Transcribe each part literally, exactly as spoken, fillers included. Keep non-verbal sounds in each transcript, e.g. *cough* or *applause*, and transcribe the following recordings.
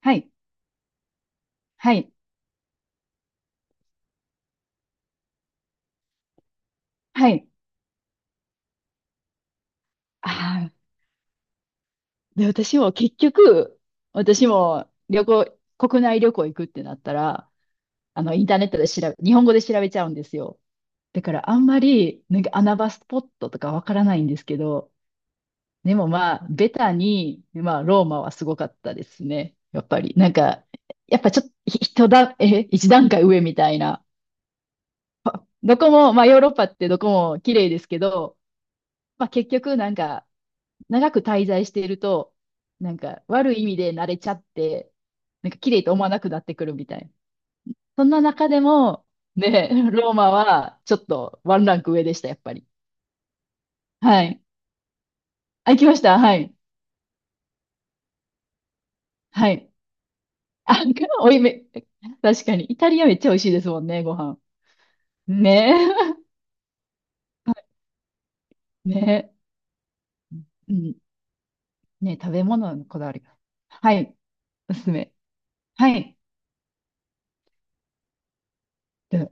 はい。はい。はい。ああ。で、私も結局、私も旅行、国内旅行行くってなったら、あの、インターネットで調べ、日本語で調べちゃうんですよ。だからあんまり、なんか穴場スポットとかわからないんですけど、でもまあ、ベタに、まあ、ローマはすごかったですね。やっぱり、なんか、やっぱちょっと、ひ人段え、いちだんかい上みたいな。どこも、まあ、ヨーロッパってどこも綺麗ですけど、まあ、結局、なんか、長く滞在していると、なんか悪い意味で慣れちゃって、なんか綺麗と思わなくなってくるみたいな。そんな中でも、ね、ローマはちょっとワンランク上でした、やっぱり。はい。あ、行きました。はい。はい。あ、*laughs* おいめ、確かに。イタリアめっちゃ美味しいですもんね、ご飯。ねえ。*laughs* ねえ。うん。ねえ、食べ物のこだわりが。はい。おすすめ。はい。で、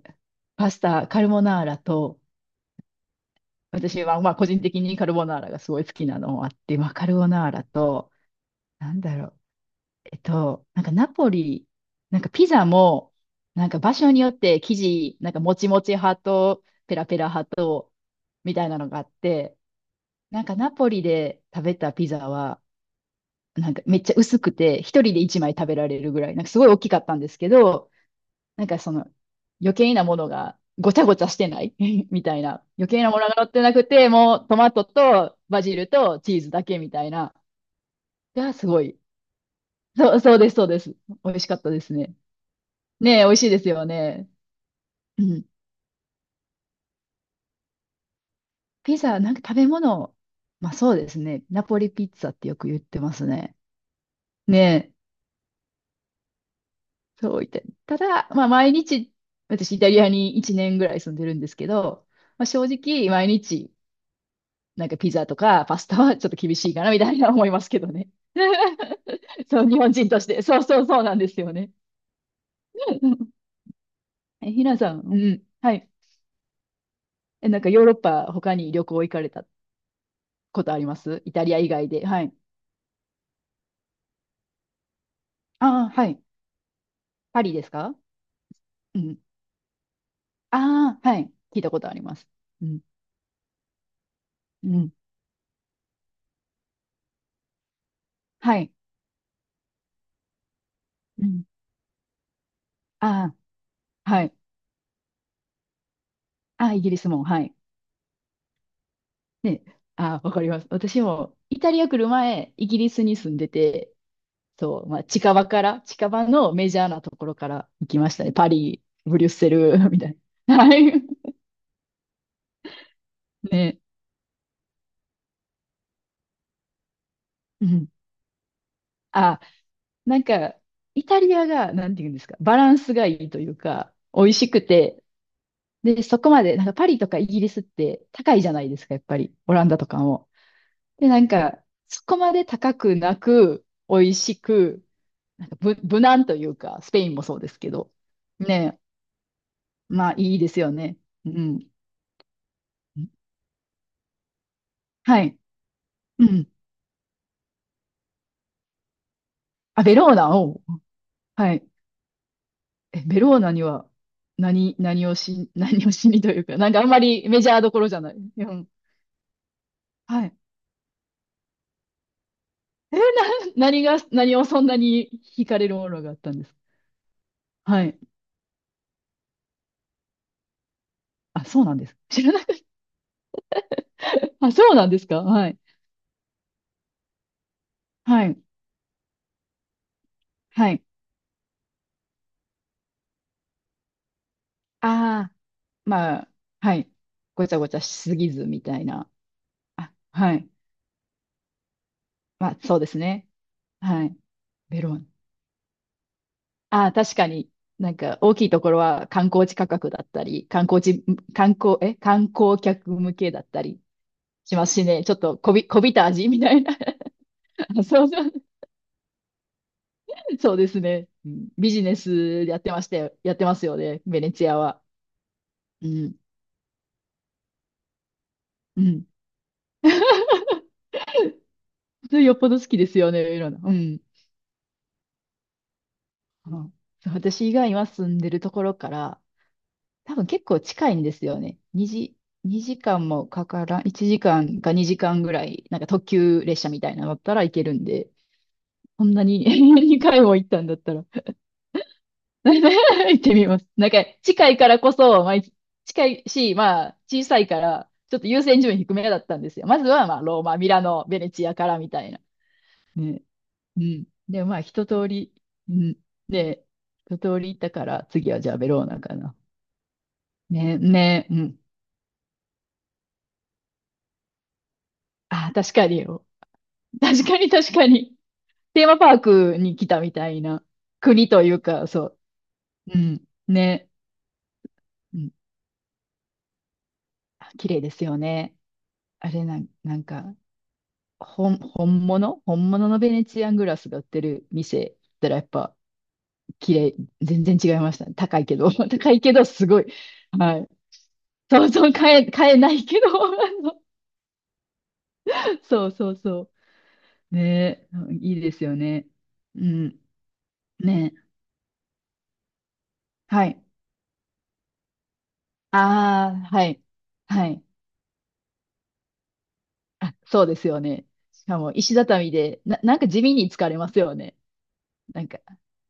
パスタ、カルボナーラと、私は、まあ、個人的にカルボナーラがすごい好きなのもあって、まあ、カルボナーラと、なんだろう、えっと、なんかナポリ、なんかピザも、なんか場所によって生地、なんかもちもち派とペラペラ派と、みたいなのがあって、なんかナポリで食べたピザは、なんかめっちゃ薄くて、ひとりでいちまい食べられるぐらい、なんかすごい大きかったんですけど、なんかその余計なものがごちゃごちゃしてない *laughs* みたいな。余計なものが乗ってなくて、もうトマトとバジルとチーズだけみたいな。がすごい。そう、そうです、そうです。美味しかったですね。ねえ、美味しいですよね。うん。ピザ、なんか食べ物、まあそうですね。ナポリピッツァってよく言ってますね。ねえ、そう言って。ただ、まあ毎日、私イタリアにいちねんぐらい住んでるんですけど、まあ、正直毎日なんかピザとかパスタはちょっと厳しいかなみたいな思いますけどね。*laughs* そう、日本人として。そうそう、そうなんですよね。*laughs* え、ひなさん、うん。はい。え、なんかヨーロッパ他に旅行行かれたことあります？イタリア以外で。はい。ああ、はい。パリですか？うん。ああ、はい。聞いたことあります。うん。うん。はい。うん。ああ、はい。ああ、イギリスも。はい。ね。ああ、わかります。私もイタリア来る前、イギリスに住んでて、そう、まあ、近場から、近場のメジャーなところから行きましたね。パリ、ブリュッセル、*laughs* みたいな。はい。ね。うん。あ、なんか、イタリアが、なんていうんですか、バランスがいいというか、美味しくて、で、そこまで、なんかパリとかイギリスって高いじゃないですか、やっぱり、オランダとかも。で、なんか、そこまで高くなく、美味しく、なんか無、無難というか、スペインもそうですけど、ね、まあいいですよね。うん。はい。うん。あ、ベローナを、はい。え、ベローナには何、何をし、何をしにというか、なんかあんまりメジャーどころじゃない。うん。はい。え、な、何が、何をそんなに惹かれるものがあったんですか？はい。あ、そうなんです。知らなかった。あ、そうなんですか？はい。はい。はい。ああ、まあ、はい。ごちゃごちゃしすぎずみたいな。あ、はい。まあ、そうですね。はい。ベローナ。ああ、確かに、なんか大きいところは観光地価格だったり、観光地、観光、え、観光客向けだったりしますしね、ちょっとこび、こびた味みたいな。*laughs* そうそう、そうですね、うん。ビジネスやってました？やってますよね、ベネチアは。うん。うん。それよっぽど好きですよね、いろんな。うん。うん。そう、私以外は住んでるところから、多分結構近いんですよね。にじ、にじかんもかからん、いちじかんかにじかんぐらい、なんか特急列車みたいなのだったら行けるんで、こんなに *laughs* にかいも行ったんだったら *laughs* 行ってみます。なんか近いからこそ、まあ、近いし、まあ小さいから、ちょっと優先順位低めだったんですよ。まずはまあローマ、ミラノ、ベネチアからみたいな。ね。うん。で、まあ一通り、うん。で、一通り行ったから、次はじゃあベローナかな。ね、ね、うん。あ、確かに。確かに確かに。テーマパークに来たみたいな国というか、そう。うん。ね。うん。あ、綺麗ですよね。あれなん、なんか、本、本物本物のベネチアングラスが売ってる店だったらやっぱ綺麗、全然違いましたね。高いけど、*laughs* 高いけどすごい。はい。そうそう、買え、買えないけど、*laughs* あの、そうそうそう。ねえ。いいですよね。うん。ねえ。はい。ああ、はい。はい。*laughs* あ、そうですよね。しかも石畳で、な、なんか地味に疲れますよね。なんか、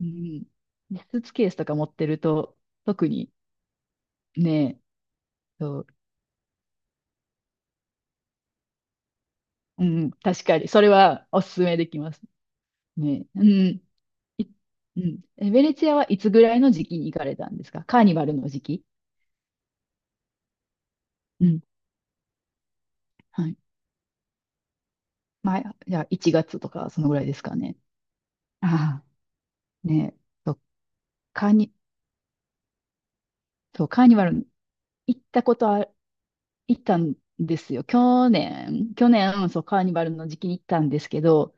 うん。で、スーツケースとか持ってると、特にね、そう、うん、確かに、それはおすすめできます。ね、うん。いうん。え、ベネツアはいつぐらいの時期に行かれたんですか？カーニバルの時期？うん。はい。まあ、じゃあいちがつとか、そのぐらいですかね。ああ、ね、そう、カーニ、そう、カーニバル行ったことあ行ったんですよ。去年、去年、そう、カーニバルの時期に行ったんですけど、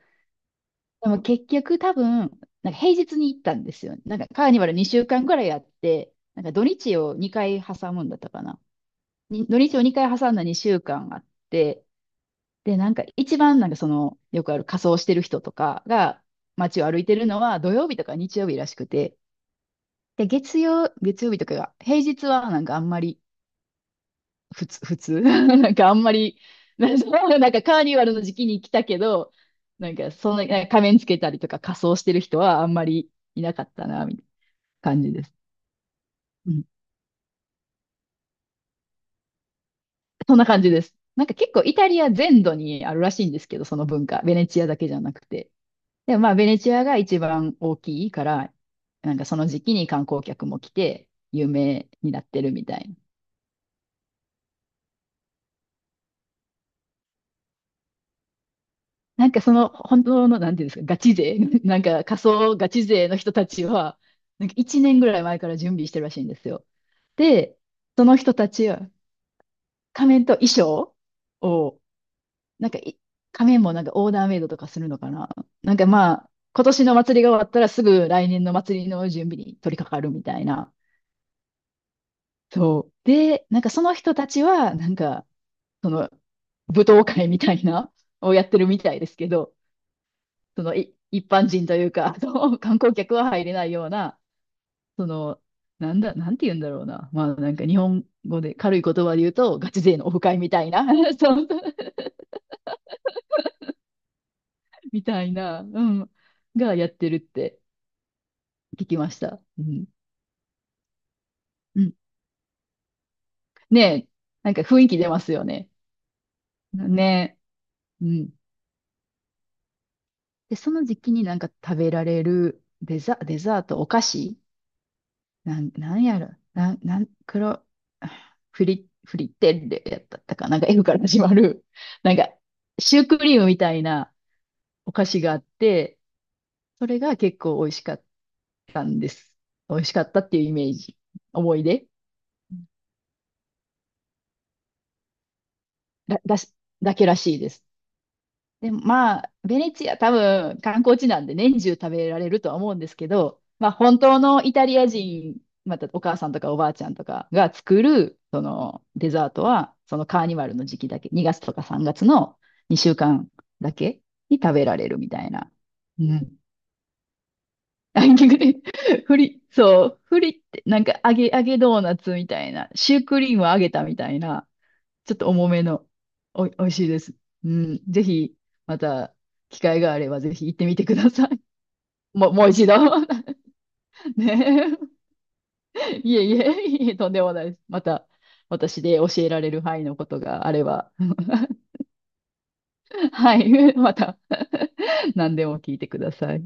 でも結局多分、なんか平日に行ったんですよ。なんかカーニバルにしゅうかんくらいやって、なんか土日をにかい挟むんだったかな。に土日をにかい挟んだにしゅうかんあって、で、なんか一番なんかその、よくある仮装してる人とかが街を歩いてるのは土曜日とか日曜日らしくて、で、月曜、月曜日とかが、平日はなんかあんまり普通、普通 *laughs* なんかあんまり、*laughs* なんかなんかカーニバルの時期に来たけど、なんかそんな、なんか仮面つけたりとか仮装してる人はあんまりいなかったな、みたいな感じです。うん。そんな感じです。なんか結構イタリア全土にあるらしいんですけど、その文化。ベネチアだけじゃなくて。で、まあベネチアが一番大きいから、なんかその時期に観光客も来て有名になってるみたいな。なんかその本当の、なんていうんですか、ガチ勢、*laughs* なんか仮想ガチ勢の人たちは、なんかいちねんぐらい前から準備してるらしいんですよ。で、その人たちは仮面と衣装を、なんかい仮面もなんかオーダーメイドとかするのかな。なんかまあ、今年の祭りが終わったらすぐ来年の祭りの準備に取り掛かるみたいな。そう。で、なんかその人たちは、なんか、その舞踏会みたいなをやってるみたいですけど、そのい一般人というか、*laughs* その観光客は入れないような、その、なんだ、なんて言うんだろうな。まあなんか日本語で軽い言葉で言うと、ガチ勢のオフ会みたいな、*laughs* そう、みたいな、うん、がやってるって聞きました。うん。うん。ねえ、なんか雰囲気出ますよね。ねえ。うん。で、その時期になんか食べられるデザ、デザート、お菓子、なん、なんやろ。なん、なん、黒、フリ、フリッテッレやったったかな。なんか F から始まる。なんか、シュークリームみたいなお菓子があって、それが結構美味しかったんです。美味しかったっていうイメージ。思い出。だ、だし、だけらしいです。でもまあ、ベネチア多分観光地なんで年中食べられるとは思うんですけど、まあ本当のイタリア人、またお母さんとかおばあちゃんとかが作るそのデザートは、そのカーニバルの時期だけ、にがつとかさんがつのにしゅうかんだけに食べられるみたいな。うん。あ、逆に、*laughs* フリ、そう、フリってなんか揚げ、揚げドーナツみたいな、シュークリームを揚げたみたいな、ちょっと重めの、おい、美味しいです。うん。ぜひ、また、機会があれば、ぜひ行ってみてください。*laughs* もう、もう一度。*laughs* ねえ。*laughs* いえいえ、*laughs* いえ、とんでもないです。また、私で教えられる範囲のことがあれば、*laughs* はい。*laughs* また、*laughs* 何でも聞いてください。